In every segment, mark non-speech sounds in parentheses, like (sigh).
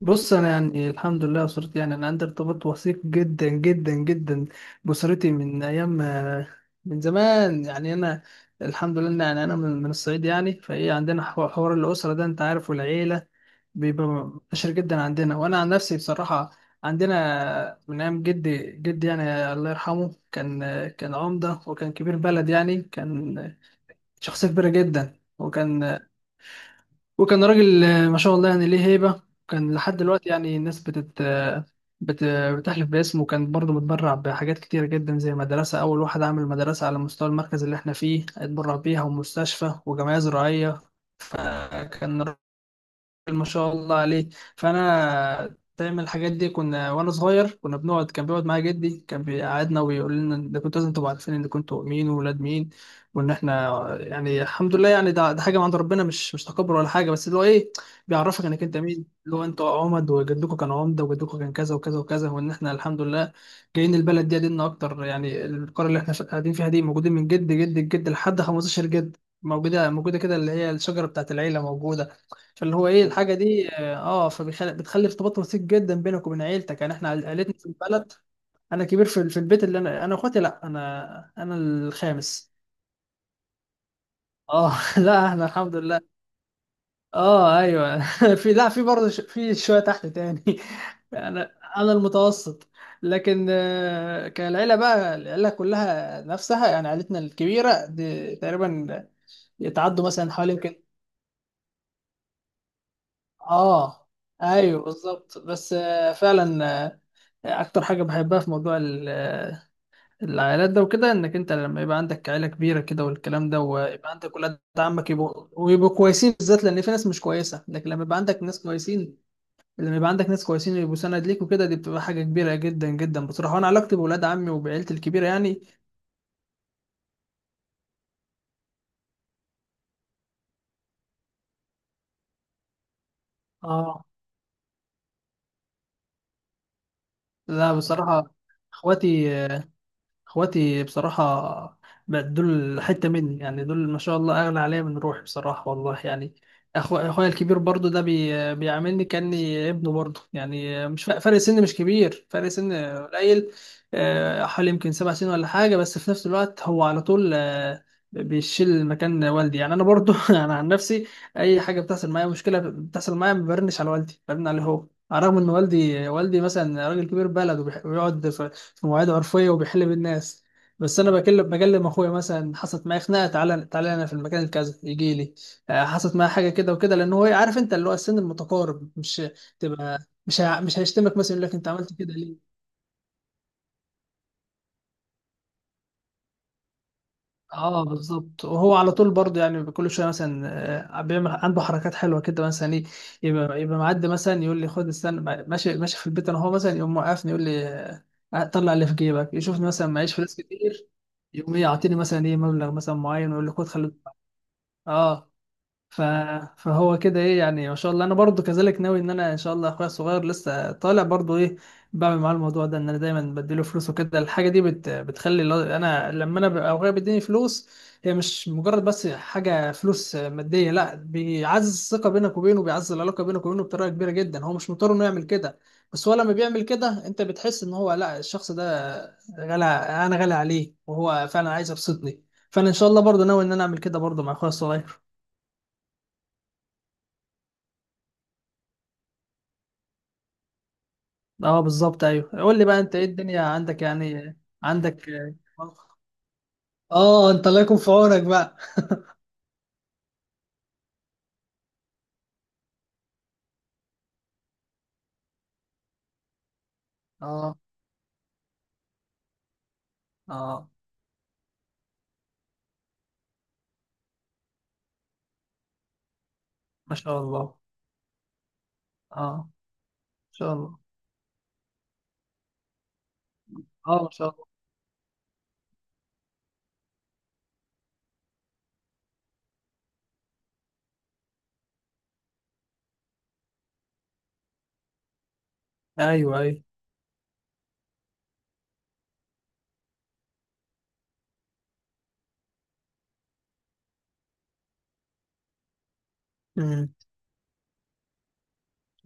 بص، انا يعني الحمد لله اسرتي يعني انا عندي ارتباط وثيق جدا جدا جدا باسرتي من ايام ما- من زمان يعني انا الحمد لله إن يعني انا من الصعيد يعني فايه عندنا حوار الاسره ده انت عارف والعيله بيبقى منتشر جدا عندنا. وانا عن نفسي بصراحه عندنا من ايام جدي جدي يعني الله يرحمه، كان عمده وكان كبير بلد يعني كان شخصيه كبيره جدا وكان راجل ما شاء الله يعني ليه هيبة. كان لحد دلوقتي يعني الناس بت... بتحلف باسمه، وكان برضه متبرع بحاجات كتيرة جدا زي مدرسة، أول واحد عمل مدرسة على مستوى المركز اللي احنا فيه، اتبرع بيها ومستشفى وجمعية زراعية. فكان ما شاء الله عليه. فانا دايما الحاجات دي كنا وانا صغير كنا بنقعد، كان بيقعد معايا جدي كان بيقعدنا ويقول لنا ده كنتوا لازم تبقوا عارفين ان كنتوا مين وولاد مين، وان احنا يعني الحمد لله يعني ده حاجه من عند ربنا، مش تكبر ولا حاجه بس اللي هو ايه بيعرفك انك انت مين، اللي هو انتوا عمد وجدكم كان عمده وجدكم كان كذا وكذا وكذا، وان احنا الحمد لله جايين البلد دي قديمنا اكتر. يعني القريه اللي احنا قاعدين فيها دي موجودين من جد جد جد لحد 15 جد، موجوده موجوده كده اللي هي الشجره بتاعت العيله موجوده. فاللي هو ايه الحاجه دي، اه، فبتخلي ارتباط وثيق جدا بينك وبين عيلتك. يعني احنا عيلتنا في البلد. انا كبير في البيت، اللي انا انا اخواتي لا انا انا الخامس. اه (laughs) لا احنا الحمد لله. اه ايوه. (laughs) في، لا، في برضه في شويه تحت تاني. (laughs) انا المتوسط. لكن كالعيله بقى، العيله كلها نفسها يعني عيلتنا الكبيره دي تقريبا يتعدوا مثلا حوالي يمكن. اه ايوه بالظبط. بس فعلا اكتر حاجه بحبها في موضوع العائلات ده وكده، انك انت لما يبقى عندك عيله كبيره كده والكلام ده، ويبقى عندك ولاد عمك يبقوا ويبقوا كويسين، بالذات لان في ناس مش كويسه، لكن لما يبقى عندك ناس كويسين ويبقوا سند ليك وكده، دي بتبقى حاجه كبيره جدا جدا بصراحه. وانا علاقتي بولاد عمي وبعيلتي الكبيره يعني. اه. لا بصراحه اخواتي اخواتي بصراحة بقت دول حتة مني يعني، دول ما شاء الله اغلى عليا من روحي بصراحة والله يعني. أخو اخويا الكبير برضو ده بيعاملني كأني ابنه برضو، يعني مش فرق فرق سن مش كبير فرق سن قليل، حوالي يمكن سبع سنين ولا حاجة، بس في نفس الوقت هو على طول بيشيل مكان والدي يعني. انا برضو (laughs) انا عن نفسي اي حاجة بتحصل معايا، مشكلة بتحصل معايا، ما برنش على والدي، برن عليه هو، على الرغم ان والدي مثلا راجل كبير بلد ويقعد في في مواعيد عرفيه وبيحل بالناس. بس انا بكلم اخويا مثلا، حصلت معايا خناقه، تعالى تعالى انا في المكان الكذا، يجي لي. حصلت معايا حاجه كده وكده، لان هو عارف انت اللي هو السن المتقارب مش تبقى، مش هيشتمك مثلا يقول لك انت عملت كده ليه. اه بالظبط. وهو على طول برضه يعني كل شويه مثلا بيعمل عنده حركات حلوه كده، مثلا ايه، يبقى معدي مثلا يقول لي خد، استنى، ماشي ماشي في البيت، انا هو مثلا يقوم موقفني يقول لي طلع اللي في جيبك، يشوفني مثلا معيش فلوس كتير، يقوم إيه يعطيني مثلا ايه مبلغ مثلا معين، ويقول لي خد خلي. اه. ف... فهو كده ايه يعني، ما شاء الله. انا برضو كذلك ناوي ان انا ان شاء الله اخويا الصغير لسه طالع برضو ايه، بعمل معاه الموضوع ده ان انا دايما بديله فلوس وكده. الحاجه دي بتخلي، انا لما انا ببقى اخويا بيديني فلوس، هي مش مجرد بس حاجه فلوس ماديه، لا، بيعزز الثقه بينك وبينه، بيعزز العلاقه بينك وبينه بطريقه كبيره جدا. هو مش مضطر انه يعمل كده، بس هو لما بيعمل كده انت بتحس ان هو، لا، الشخص ده غالي، انا غالي عليه وهو فعلا عايز يبسطني. فانا ان شاء الله برضو ناوي ان انا اعمل كده برضو مع اخويا الصغير. اه بالظبط ايوه. قول لي بقى انت ايه الدنيا عندك يعني. عندك. اه، انت الله يكون في عونك بقى. اه. اه ما شاء الله. اه ما شاء الله. اه ما شاء الله. ايوه ايوه. امم.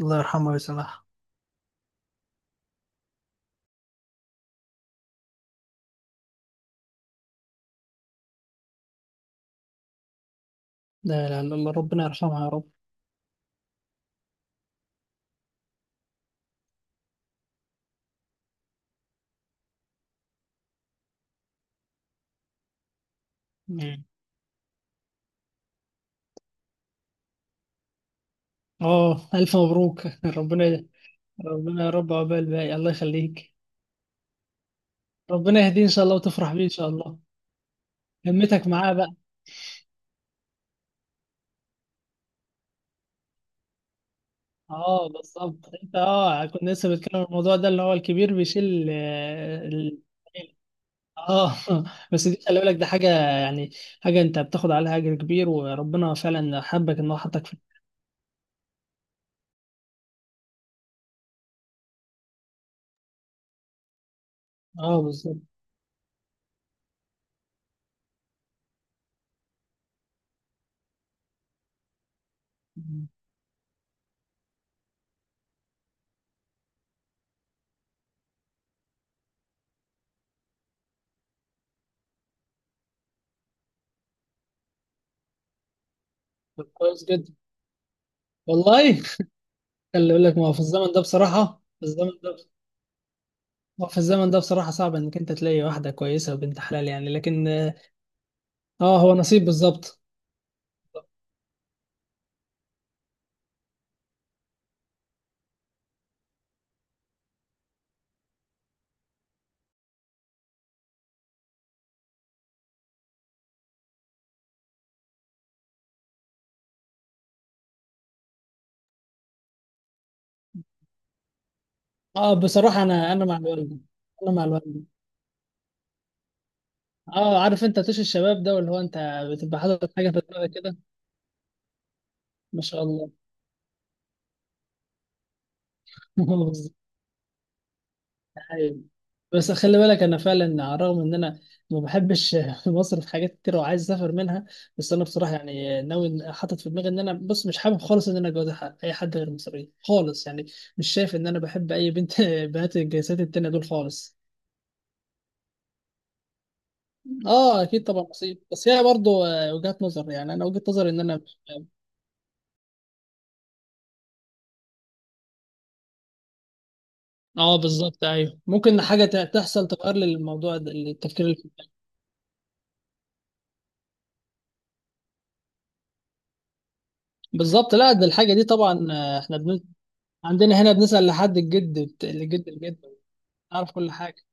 الله يرحمه ويسامحه. لا لا لا، الله ربنا يرحمها يا رب. مم. اه الف مبروك (laughs) ربنا. ربنا يا رب عقبال باقي، الله يخليك. ربنا يهديه ان شاء الله وتفرح بيه ان شاء الله. همتك معاه بقى. اه بالظبط، انت اه كنت لسه بتكلم عن الموضوع ده اللي هو الكبير بيشيل اه (laughs) بس دي خلي بالك، ده حاجه يعني حاجه انت بتاخد عليها اجر كبير، وربنا فعلا حبك ان هو حطك في. اه بالظبط. طب كويس جدا والله. خلي بالك، ما هو في الزمن ده بصراحه في الزمن ده، ما هو في الزمن ده بصراحه صعب انك انت تلاقي واحده كويسه وبنت حلال يعني، لكن. اه هو نصيب بالظبط. اه بصراحه انا، انا مع الوالده. اه عارف انت طيش الشباب ده، واللي هو انت بتبقى حاطط حاجه في دماغك كده. ما شاء الله. (laughs) بالظبط. ده حقيقي. بس خلي بالك انا فعلا على الرغم ان انا ما بحبش (laughs) مصر في حاجات كتير وعايز اسافر منها، بس انا بصراحه يعني ناوي، حاطط في دماغي ان انا، بص، مش حابب خالص ان انا اتجوز اي حد غير مصري خالص يعني، مش شايف ان انا بحب اي بنت (laughs) بنات الجنسيات التانيه دول خالص. اه اكيد طبعا نصيب، بس هي برضه وجهات نظر، يعني انا وجهه نظري ان انا. اه بالظبط ايوه، ممكن حاجه تحصل تغير للموضوع ده التفكير اللي فيه. بالظبط. لا ده الحاجه دي طبعا عندنا هنا بنسال لحد الجد، الجد الجد، نعرف كل حاجه.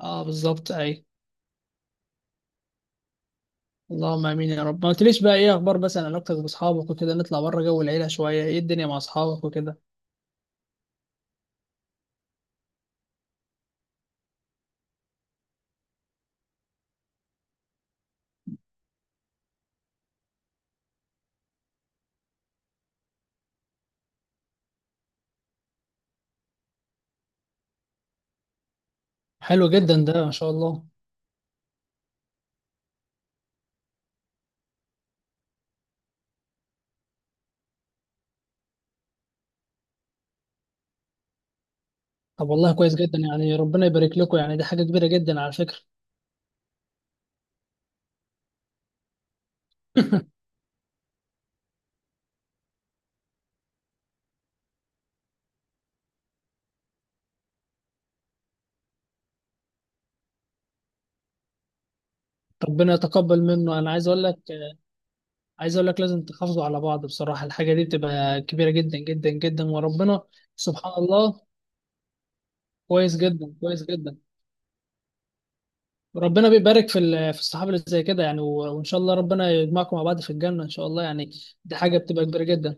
اه بالظبط ايوه. اللهم امين يا رب. ما قلتليش بقى ايه اخبار مثلا علاقتك باصحابك وكده، نطلع بره جو العيله شويه، ايه الدنيا مع اصحابك وكده. حلو جدا ده ما شاء الله. طب والله كويس جدا، يعني ربنا يبارك لكم، يعني دي حاجه كبيره جدا على فكره. (laughs) ربنا يتقبل منه. انا عايز اقول لك لازم تحافظوا على بعض بصراحه، الحاجه دي بتبقى كبيره جدا جدا جدا وربنا. سبحان الله. كويس جدا كويس جدا. ربنا بيبارك في في الصحاب اللي زي كده يعني، وان شاء الله ربنا يجمعكم مع بعض في الجنه ان شاء الله يعني. دي حاجه بتبقى كبيره جدا.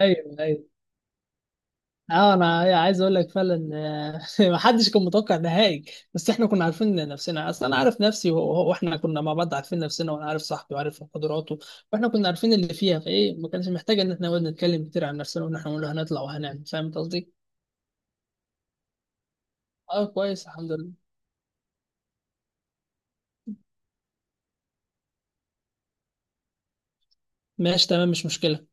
ايوه ايوه. اه انا عايز اقول لك فعلا (laughs) ما حدش كان متوقع نهائي، بس احنا كنا عارفين نفسنا اصلا. انا عارف نفسي واحنا كنا مع بعض عارفين نفسنا، وانا عارف صاحبي وعارف قدراته، واحنا كنا عارفين اللي فيها فايه، ما كانش محتاج ان احنا نقعد نتكلم كتير عن نفسنا وان احنا نقول هنطلع وهنعمل. فاهم قصدي؟ اه كويس الحمد لله. ماشي تمام مش مشكلة.